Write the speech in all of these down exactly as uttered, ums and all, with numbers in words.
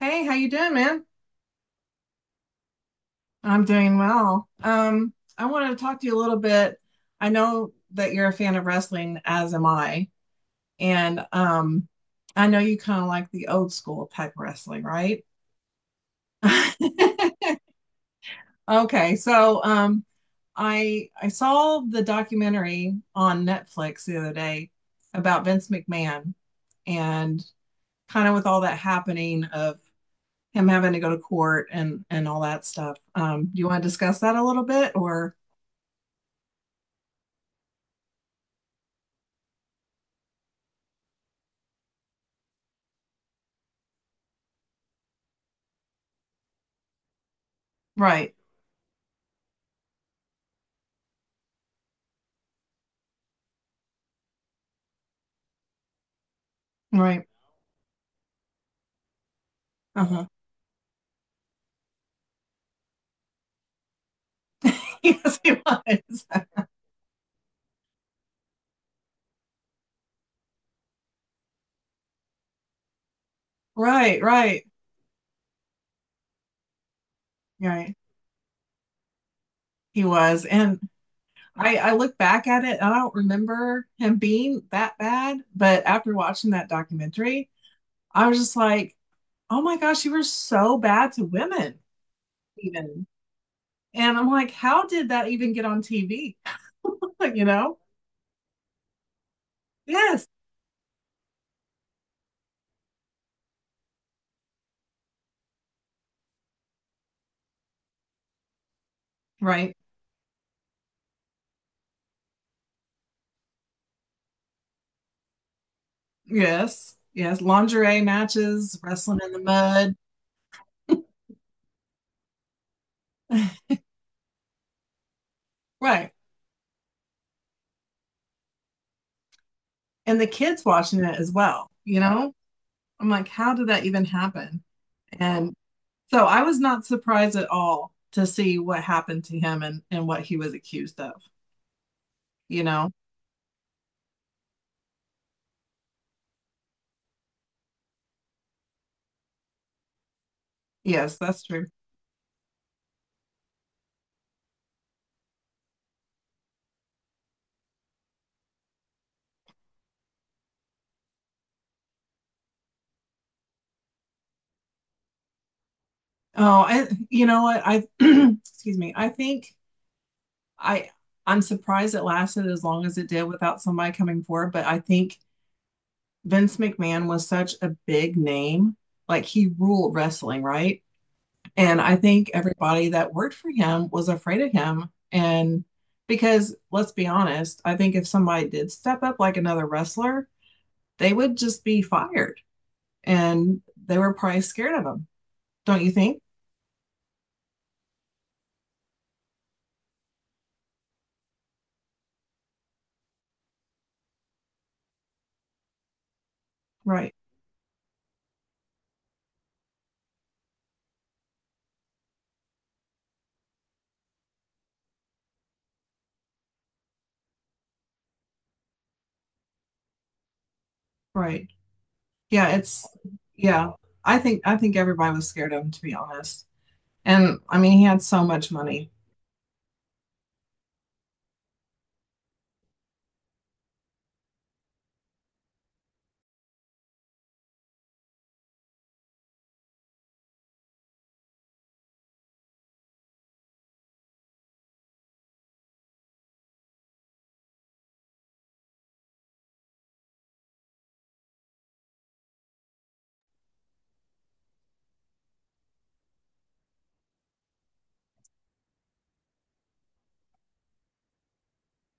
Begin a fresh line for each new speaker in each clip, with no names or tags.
Hey, how you doing, man? I'm doing well. Um, I wanted to talk to you a little bit. I know that you're a fan of wrestling, as am I, and um, I know you kind of like the old school type wrestling, right? Okay, so um, I I saw the documentary on Netflix the other day about Vince McMahon and kind of with all that happening of him having to go to court and and all that stuff. Um, do you want to discuss that a little bit or right, right. Uh-huh. Yes, he was. Right, right, right. He was. And I, I look back at it and I don't remember him being that bad, but after watching that documentary, I was just like, oh my gosh, you were so bad to women, even. And I'm like, how did that even get on T V? you know? Yes, right. Yes, yes, lingerie matches, wrestling in the mud. Right. And the kids watching it as well, you know? I'm like, how did that even happen? And so I was not surprised at all to see what happened to him and, and what he was accused of, you know? Yes, that's true. Oh, I, you know what? I, excuse me. I think I, I'm surprised it lasted as long as it did without somebody coming forward, but I think Vince McMahon was such a big name. Like he ruled wrestling, right? And I think everybody that worked for him was afraid of him. And because let's be honest, I think if somebody did step up like another wrestler, they would just be fired. And they were probably scared of him. Don't you think? Right. Right. Yeah, it's yeah. I think I think everybody was scared of him to be honest. And I mean, he had so much money.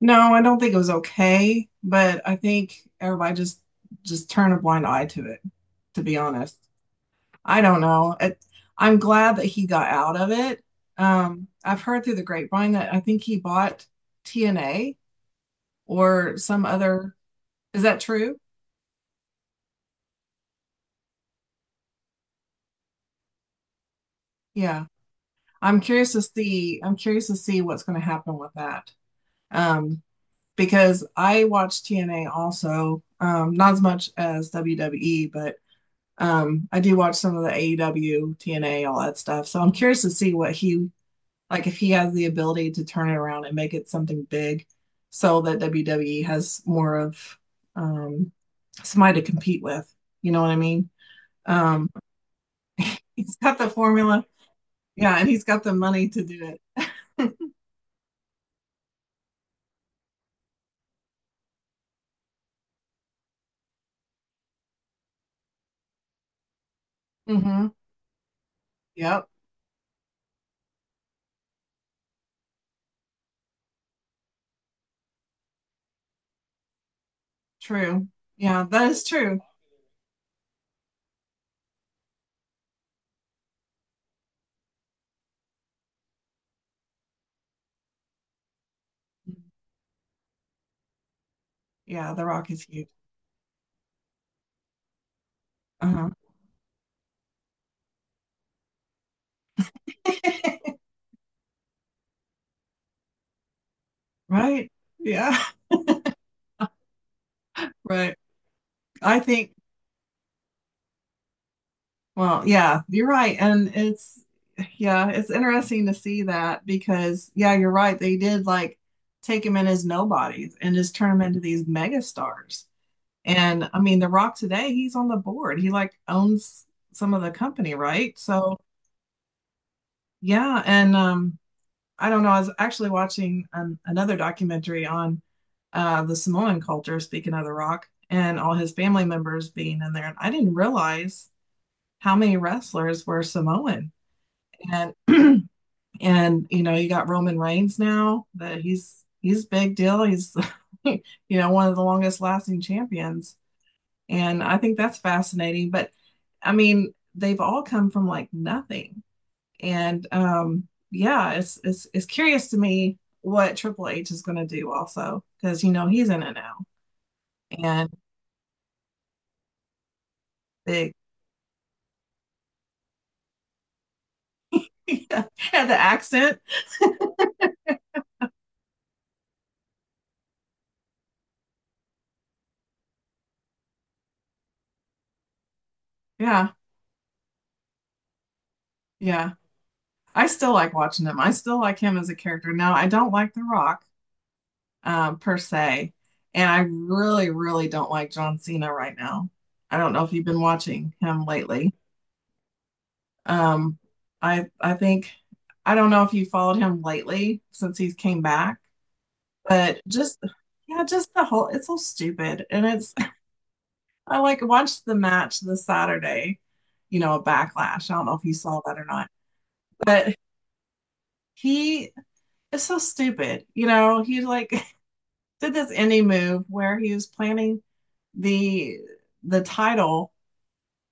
No, I don't think it was okay, but I think everybody just just turned a blind eye to it, to be honest. I don't know. It, I'm glad that he got out of it. Um, I've heard through the grapevine that I think he bought T N A or some other. Is that true? Yeah. I'm curious to see. I'm curious to see what's going to happen with that. Um, because I watch T N A also, um, not as much as W W E, but Um, I do watch some of the A E W, T N A, all that stuff. So I'm curious to see what he like if he has the ability to turn it around and make it something big so that W W E has more of um somebody to compete with. You know what I mean? Um, he's got the formula. Yeah, and he's got the money to do it. hmm Yep. True. Yeah, that is true. Yeah, The Rock is huge. Uh-huh. Right. Yeah. Right. I think, well, yeah, you're right. And it's, yeah, it's interesting to see that because, yeah, you're right. They did like take him in as nobodies and just turn him into these mega stars. And I mean, The Rock today, he's on the board. He like owns some of the company, right? So, yeah. And, um, I don't know. I was actually watching um, another documentary on uh, the Samoan culture, speaking of The Rock, and all his family members being in there. And I didn't realize how many wrestlers were Samoan. And and you know, you got Roman Reigns now that he's he's big deal. He's you know one of the longest lasting champions, and I think that's fascinating. But I mean, they've all come from like nothing and um, yeah, it's it's it's curious to me what Triple H is going to do also because you know he's in it now and big and the accent. Yeah, yeah. I still like watching him. I still like him as a character. Now I don't like The Rock um, per se, and I really really don't like John Cena right now. I don't know if you've been watching him lately. Um, I I think I don't know if you followed him lately since he's came back. But just yeah, just the whole it's so stupid. And it's I like watched the match this Saturday, you know, a backlash. I don't know if you saw that or not. But he is so stupid. You know, he like did this indie move where he was planning the the title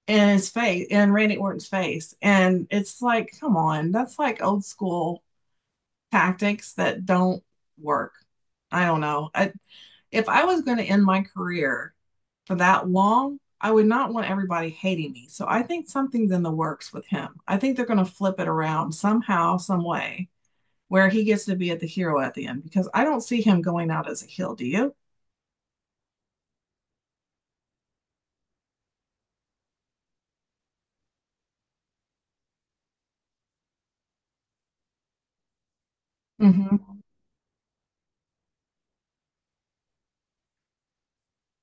in his face in Randy Orton's face. And it's like, come on, that's like old school tactics that don't work. I don't know. I, if I was going to end my career for that long, I would not want everybody hating me. So I think something's in the works with him. I think they're going to flip it around somehow, some way, where he gets to be at the hero at the end because I don't see him going out as a heel. Do you? Mm-hmm.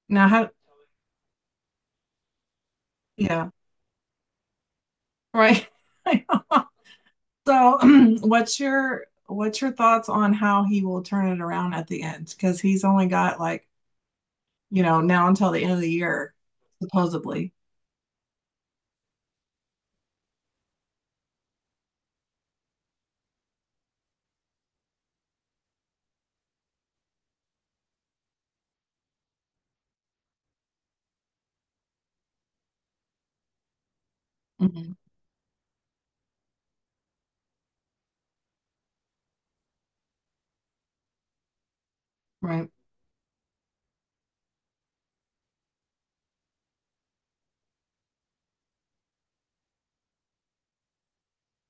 Now, how? Yeah, right. so, what's your what's your thoughts on how he will turn it around at the end? Because he's only got like you know, now until the end of the year, supposedly. Mhm. Right.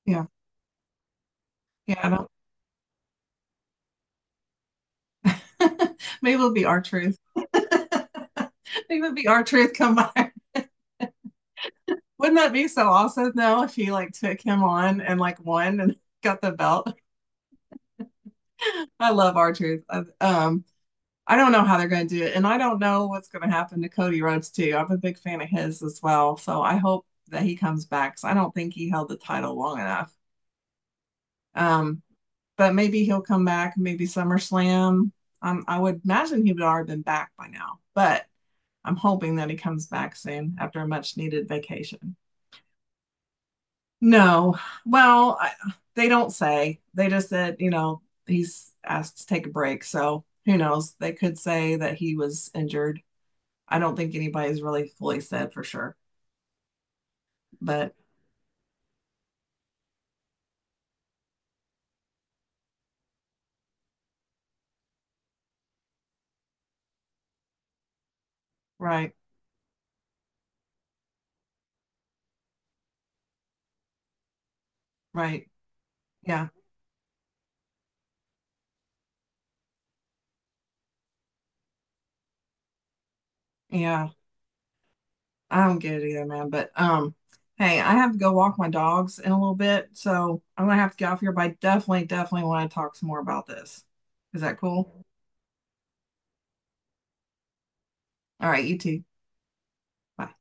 Yeah. Yeah. I don't. Maybe it'll be our truth. Maybe it'll be our truth come by. Wouldn't that be so awesome though if he like took him on and like won and got the belt? I love R Truth. Um, I don't know how they're going to do it, and I don't know what's going to happen to Cody Rhodes too. I'm a big fan of his as well, so I hope that he comes back. So I don't think he held the title long enough. Um, but maybe he'll come back. Maybe SummerSlam. Um, I would imagine he would already been back by now, but I'm hoping that he comes back soon after a much needed vacation. No. Well, I, they don't say. They just said, you know, he's asked to take a break. So who knows? They could say that he was injured. I don't think anybody's really fully said for sure. But right, right. Yeah. Yeah. I don't get it either, man. But um, hey, I have to go walk my dogs in a little bit. So I'm gonna have to get off here, but I definitely, definitely want to talk some more about this. Is that cool? All right, you too. Bye.